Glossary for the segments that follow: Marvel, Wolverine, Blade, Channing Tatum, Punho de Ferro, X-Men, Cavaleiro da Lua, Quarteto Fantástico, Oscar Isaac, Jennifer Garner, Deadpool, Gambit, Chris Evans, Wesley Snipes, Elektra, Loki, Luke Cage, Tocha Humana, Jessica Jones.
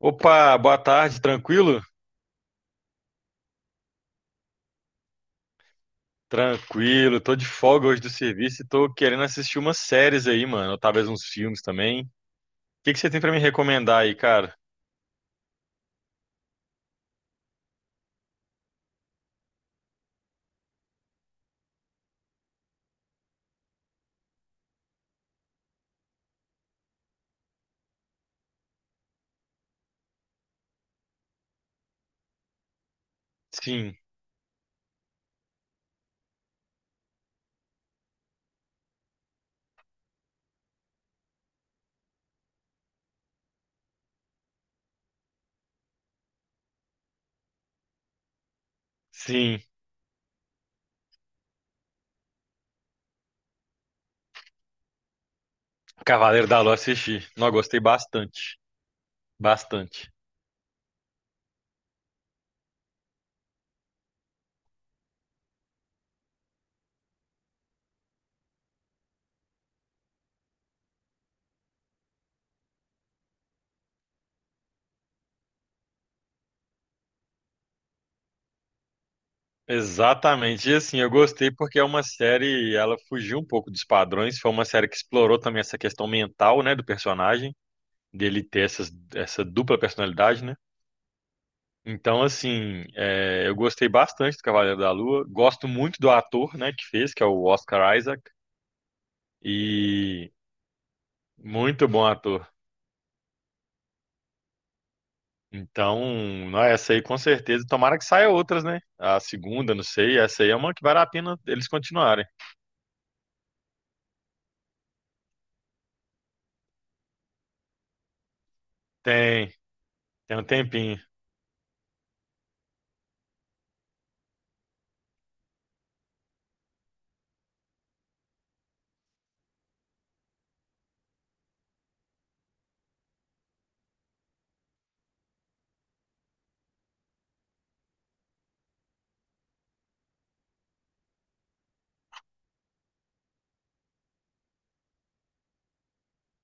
Opa, boa tarde, tranquilo? Tranquilo, tô de folga hoje do serviço e tô querendo assistir umas séries aí, mano, ou talvez uns filmes também. O que que você tem pra me recomendar aí, cara? Sim, sim, Cavaleiro da Lua assisti. Não, gostei bastante, bastante. Exatamente, e assim, eu gostei porque é uma série, ela fugiu um pouco dos padrões, foi uma série que explorou também essa questão mental, né, do personagem, dele ter essa dupla personalidade, né? Então, assim, é, eu gostei bastante do Cavaleiro da Lua. Gosto muito do ator, né, que fez, que é o Oscar Isaac. E muito bom ator. Então, não, essa aí com certeza. Tomara que saia outras, né? A segunda, não sei. Essa aí é uma que vale a pena eles continuarem. Tem, tem um tempinho.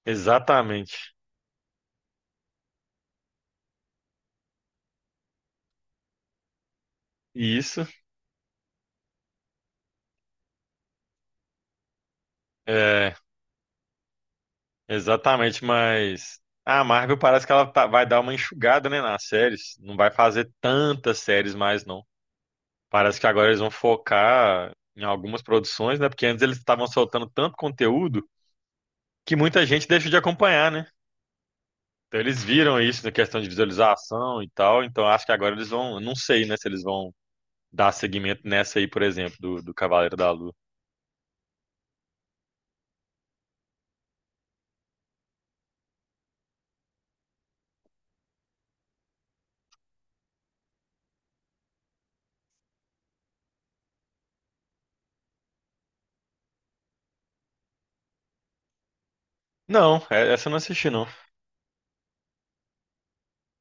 Exatamente. Isso, é, exatamente, mas a Marvel parece que ela vai dar uma enxugada, né, nas séries. Não vai fazer tantas séries mais, não. Parece que agora eles vão focar em algumas produções, né? Porque antes eles estavam soltando tanto conteúdo que muita gente deixou de acompanhar, né? Então eles viram isso na questão de visualização e tal. Então acho que agora eles vão. Não sei, né? Se eles vão dar seguimento nessa aí, por exemplo, do Cavaleiro da Lua. Não, essa eu não assisti, não.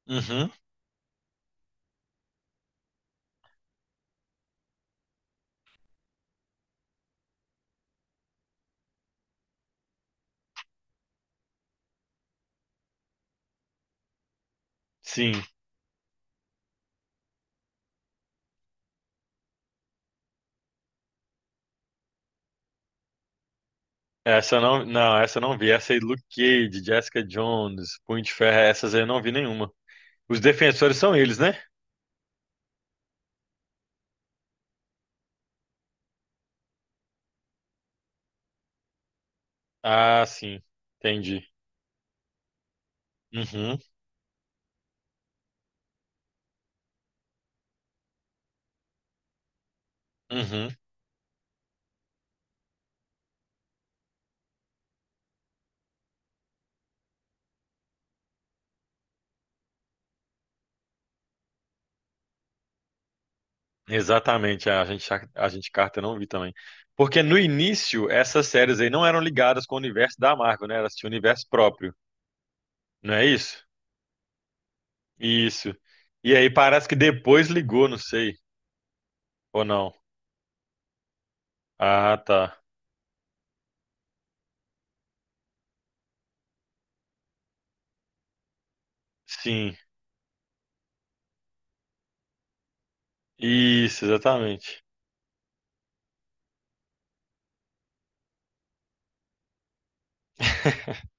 Uhum, sim. Essa eu não, não, essa eu não vi. Essa aí, Luke Cage, Jessica Jones, Punho de Ferro, essas aí eu não vi nenhuma. Os defensores são eles, né? Ah, sim. Entendi. Uhum, uhum. Exatamente, a gente Carter eu não vi também. Porque no início, essas séries aí não eram ligadas com o universo da Marvel, né? Elas tinham universo próprio, não é isso? Isso. E aí parece que depois ligou, não sei, ou não. Ah, tá. Sim, isso, exatamente.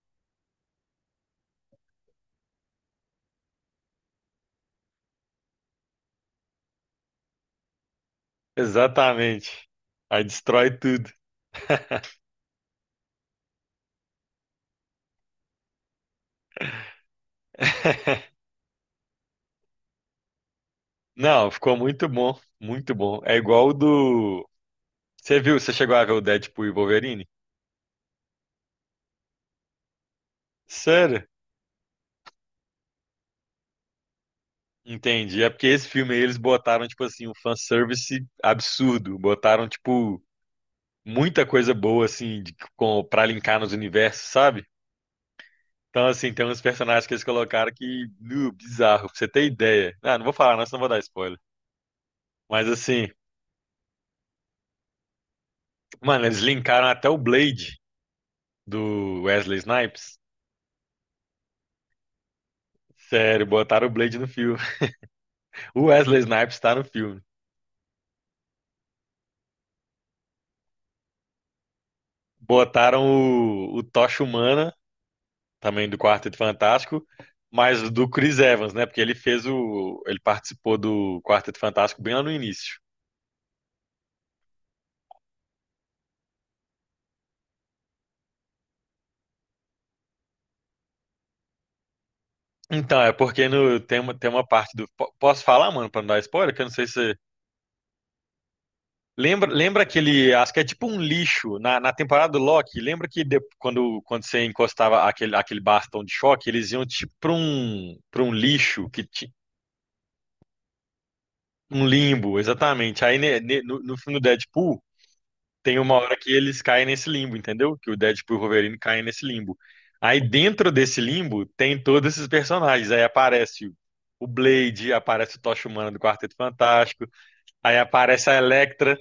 Exatamente. Aí destrói tudo. Não, ficou muito bom, muito bom. É igual o do. Você viu, você chegou a ver o Deadpool e o Wolverine? Sério? Entendi. É porque esse filme aí eles botaram, tipo assim, um fanservice absurdo. Botaram, tipo, muita coisa boa, assim, de, com, pra linkar nos universos, sabe? Então, assim, tem uns personagens que eles colocaram que, nu, bizarro, pra você ter ideia. Ah, não vou falar, não, senão vou dar spoiler. Mas, assim, mano, eles linkaram até o Blade do Wesley Snipes. Sério, botaram o Blade no filme. O Wesley Snipes tá no filme. Botaram o Tocha Humana também do Quarteto Fantástico, mas do Chris Evans, né? Porque ele fez o. Ele participou do Quarteto Fantástico bem lá no início. Então, é porque no, tem uma parte do. Posso falar, mano, pra não dar spoiler? Que eu não sei se. Lembra, lembra aquele. Acho que é tipo um lixo. Na temporada do Loki, lembra que quando, quando você encostava aquele, aquele bastão de choque, eles iam tipo pra um lixo que Um limbo, exatamente. Aí no filme do Deadpool, tem uma hora que eles caem nesse limbo, entendeu? Que o Deadpool e o Wolverine caem nesse limbo. Aí dentro desse limbo tem todos esses personagens. Aí aparece o Blade, aparece o Tocha Humana do Quarteto Fantástico, aí aparece a Elektra,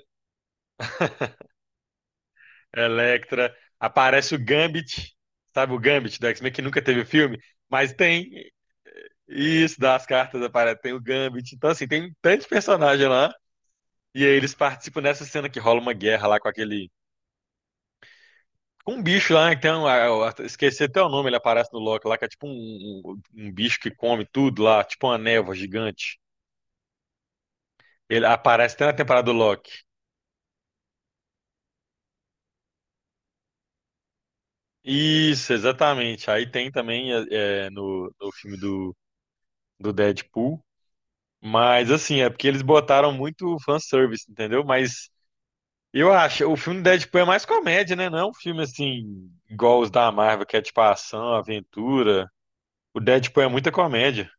Elektra, aparece o Gambit, sabe o Gambit do X-Men que nunca teve filme, mas tem isso das cartas, aparece, tem o Gambit. Então assim, tem tantos personagens lá e aí eles participam dessa cena que rola uma guerra lá com aquele com um bicho lá, né? Que tem um, é, eu esqueci até o nome, ele aparece no Loki lá, que é tipo um, um, um bicho que come tudo lá, tipo uma névoa gigante. Ele aparece até na temporada do Loki. Isso, exatamente. Aí tem também é, é, no filme do, do Deadpool. Mas assim, é porque eles botaram muito fanservice, entendeu? Mas eu acho, o filme do Deadpool é mais comédia, né? Não é um filme assim, igual os da Marvel, que é tipo ação, aventura. O Deadpool é muita comédia.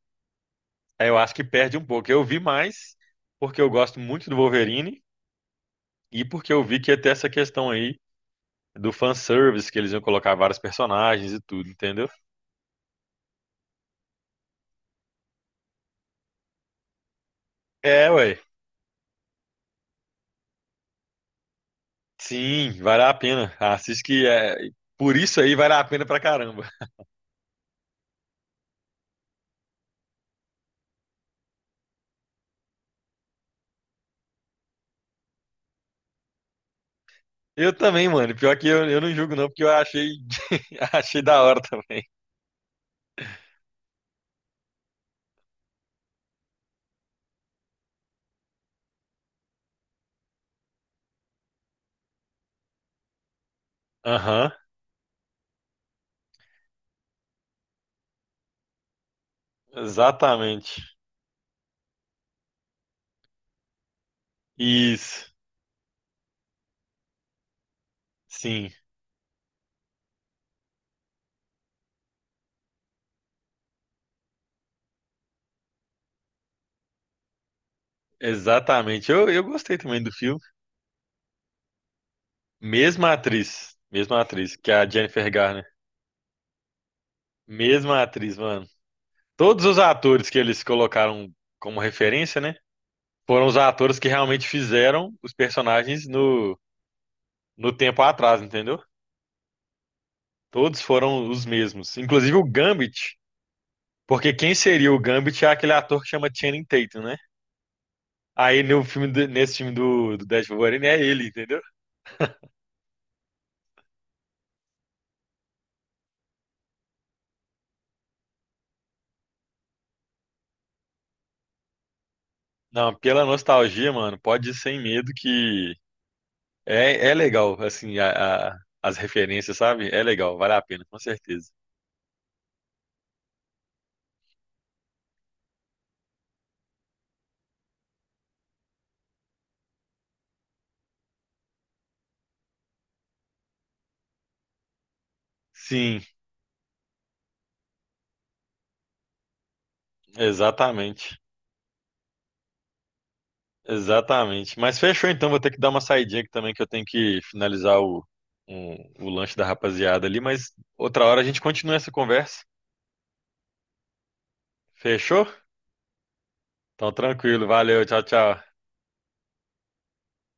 É, eu acho que perde um pouco. Eu vi mais porque eu gosto muito do Wolverine e porque eu vi que ia ter essa questão aí do fanservice, que eles iam colocar vários personagens e tudo, entendeu? É, ué. Sim, vale a pena. Assiste que é. Por isso aí vale a pena pra caramba. Eu também, mano. Pior que eu não julgo, não, porque eu achei, achei da hora também. Aham, exatamente. Isso, sim, exatamente. Eu gostei também do filme. Mesma atriz, que é a Jennifer Garner. Mesma atriz, mano. Todos os atores que eles colocaram como referência, né? Foram os atores que realmente fizeram os personagens no, no tempo atrás, entendeu? Todos foram os mesmos. Inclusive o Gambit. Porque quem seria o Gambit é aquele ator que chama Channing Tatum, né? Aí no nesse filme do, do Death Wolverine é ele, entendeu? Não, pela nostalgia, mano, pode ir sem medo que é, é legal, assim, as referências, sabe? É legal, vale a pena, com certeza. Sim, exatamente. Exatamente. Mas fechou então, vou ter que dar uma saidinha aqui também, que eu tenho que finalizar um- o lanche da rapaziada ali, mas outra hora a gente continua essa conversa. Fechou? Então tranquilo, valeu, tchau, tchau.